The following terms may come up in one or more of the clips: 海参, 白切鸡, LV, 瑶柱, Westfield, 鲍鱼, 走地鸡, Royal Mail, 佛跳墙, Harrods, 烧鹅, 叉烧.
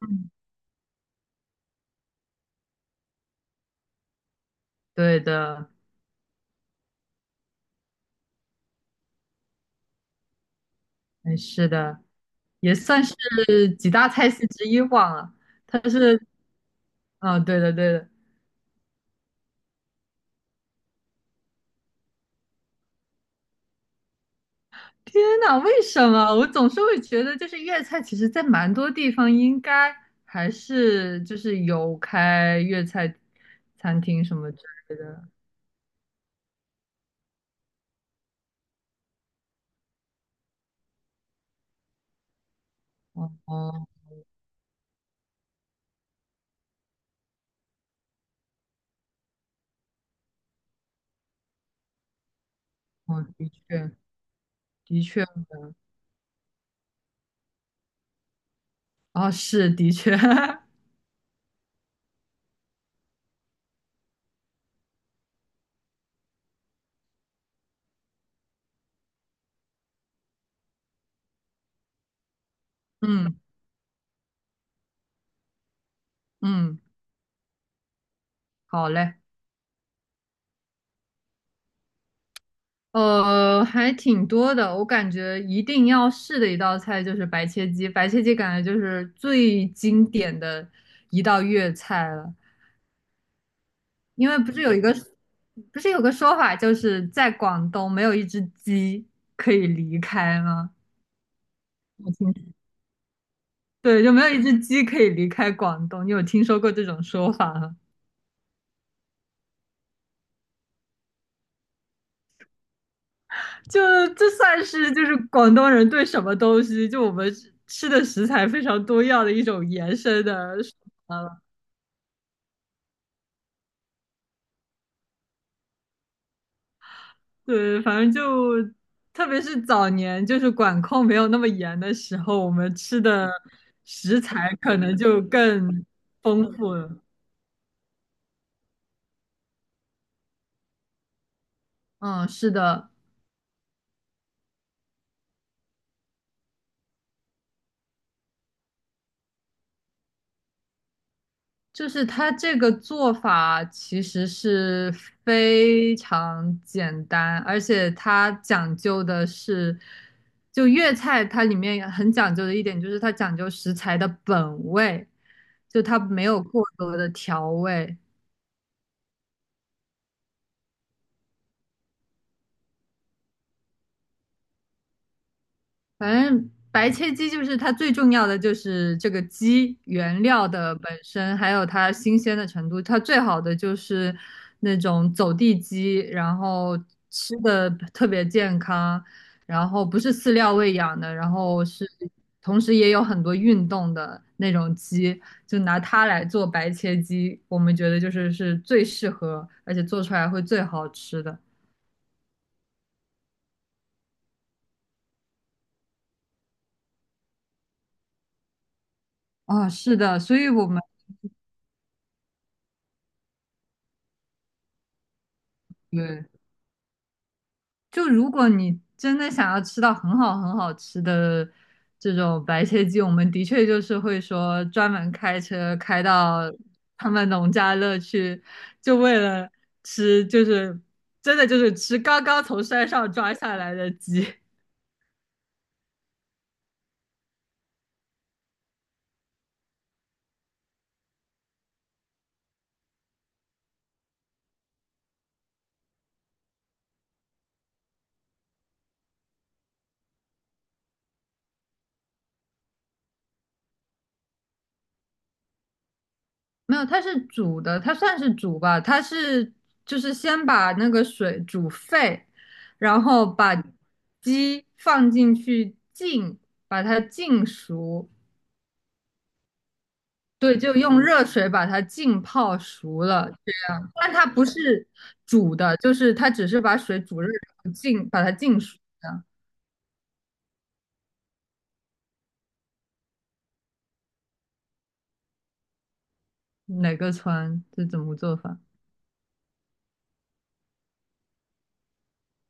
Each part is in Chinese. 嗯，对的。哎，是的，也算是几大菜系之一吧。它是，对的，对的。天呐，为什么我总是会觉得，就是粤菜，其实在蛮多地方应该还是就是有开粤菜餐厅什么之类的。哦哦哦，的确，的确，哦，是的确。嗯嗯，好嘞。还挺多的。我感觉一定要试的一道菜就是白切鸡，白切鸡感觉就是最经典的一道粤菜了。因为不是有一个，不是有个说法，就是在广东没有一只鸡可以离开吗？我听，对，就没有一只鸡可以离开广东。你有听说过这种说法吗？就这算是就是广东人对什么东西，就我们吃的食材非常多样的一种延伸的说法了。对，反正就特别是早年，就是管控没有那么严的时候，我们吃的食材可能就更丰富了。嗯，是的，就是它这个做法其实是非常简单，而且它讲究的是，就粤菜它里面很讲究的一点就是它讲究食材的本味，就它没有过多的调味。反正白切鸡就是它最重要的就是这个鸡原料的本身，还有它新鲜的程度。它最好的就是那种走地鸡，然后吃的特别健康，然后不是饲料喂养的，然后是同时也有很多运动的那种鸡，就拿它来做白切鸡，我们觉得就是是最适合，而且做出来会最好吃的。啊，是的，所以我们对。就如果你真的想要吃到很好很好吃的这种白切鸡，我们的确就是会说专门开车开到他们农家乐去，就为了吃，就是真的就是吃刚刚从山上抓下来的鸡。没有，它是煮的，它算是煮吧，它是就是先把那个水煮沸，然后把鸡放进去浸，把它浸熟。对，就用热水把它浸泡熟了，但它不是煮的，就是它只是把水煮热，然后把它浸熟的。哪个川这怎么做法？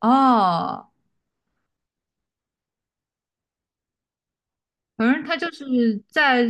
哦，反正它就是在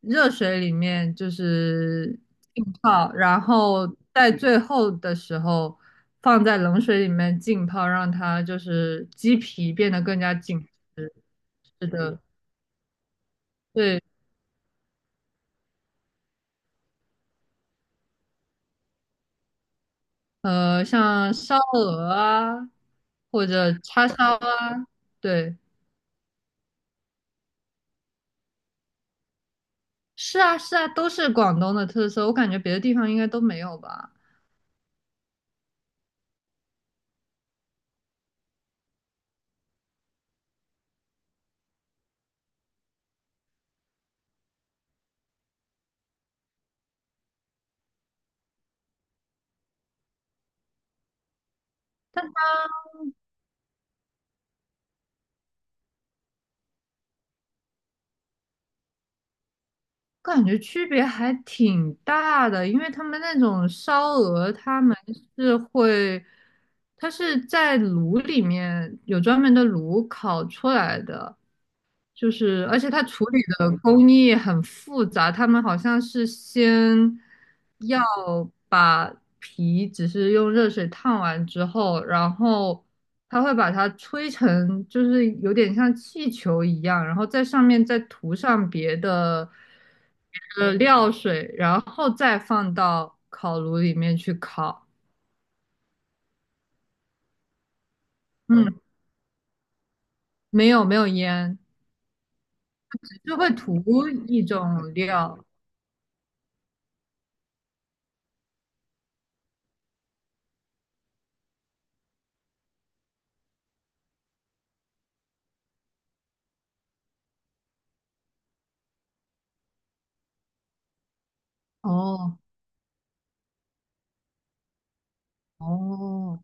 热水里面就是浸泡，然后在最后的时候放在冷水里面浸泡，让它就是鸡皮变得更加紧实。是的，对。像烧鹅啊，或者叉烧啊，对，是啊是啊，都是广东的特色，我感觉别的地方应该都没有吧。但它感觉区别还挺大的，因为他们那种烧鹅，他们是会，它是在炉里面有专门的炉烤出来的，就是，而且它处理的工艺很复杂，他们好像是先要把皮只是用热水烫完之后，然后他会把它吹成，就是有点像气球一样，然后在上面再涂上别的料水，然后再放到烤炉里面去烤。嗯，没有烟，就会涂一种料。哦哦，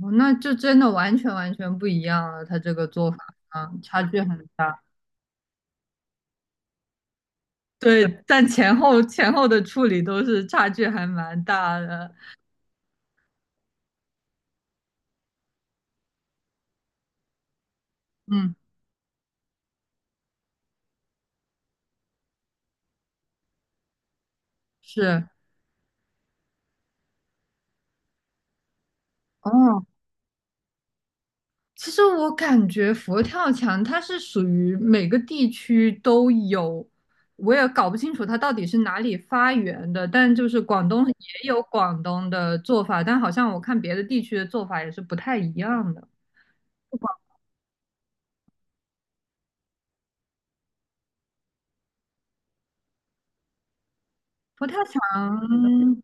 哦，那就真的完全不一样了，他这个做法啊，差距很大。对，但前后的处理都是差距还蛮大的。嗯，是。哦，其实我感觉佛跳墙它是属于每个地区都有，我也搞不清楚它到底是哪里发源的，但就是广东也有广东的做法，但好像我看别的地区的做法也是不太一样的。佛跳墙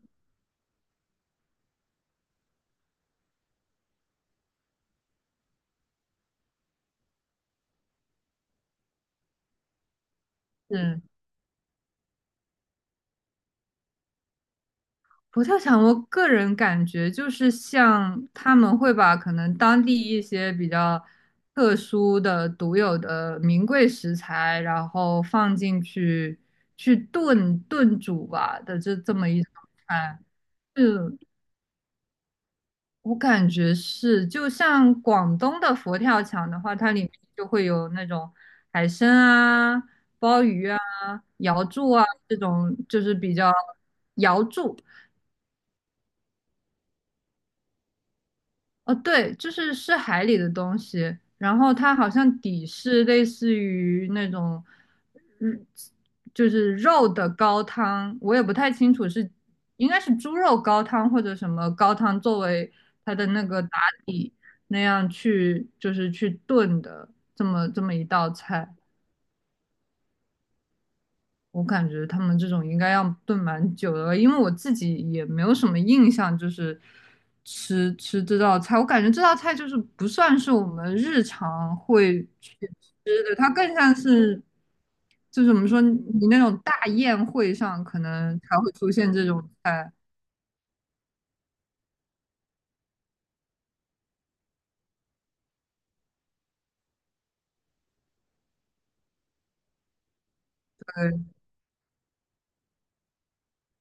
是。佛跳墙，我个人感觉就是像他们会把可能当地一些比较特殊的、独有的名贵食材，然后放进去去炖煮吧的这么一种菜。是，我感觉是，就像广东的佛跳墙的话，它里面就会有那种海参啊、鲍鱼啊、瑶柱啊这种，就是比较瑶柱。哦，对，就是是海里的东西，然后它好像底是类似于那种，嗯，就是肉的高汤，我也不太清楚是，应该是猪肉高汤或者什么高汤作为它的那个打底那样去，就是去炖的这么一道菜。我感觉他们这种应该要炖蛮久的了，因为我自己也没有什么印象，就是吃这道菜，我感觉这道菜就是不算是我们日常会去吃的，它更像是，就是怎么说，你那种大宴会上可能才会出现这种菜。呃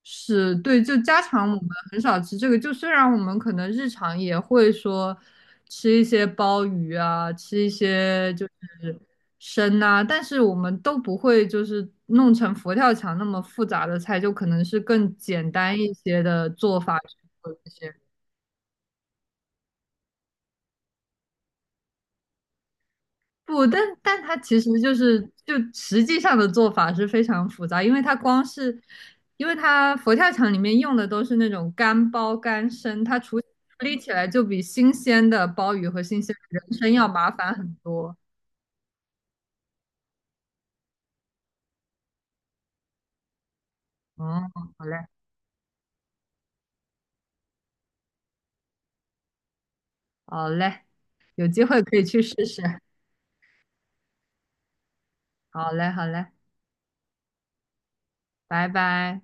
是，对，就家常我们很少吃这个。就虽然我们可能日常也会说吃一些鲍鱼啊，吃一些就是参呐、但是我们都不会就是弄成佛跳墙那么复杂的菜，就可能是更简单一些的做法去做这些。不，但它其实就是就实际上的做法是非常复杂，因为它光是，因为它佛跳墙里面用的都是那种干鲍干参，它处理起来就比新鲜的鲍鱼和新鲜的人参要麻烦很多。哦，好嘞，好嘞，有机会可以去试试。好嘞，好嘞，拜拜。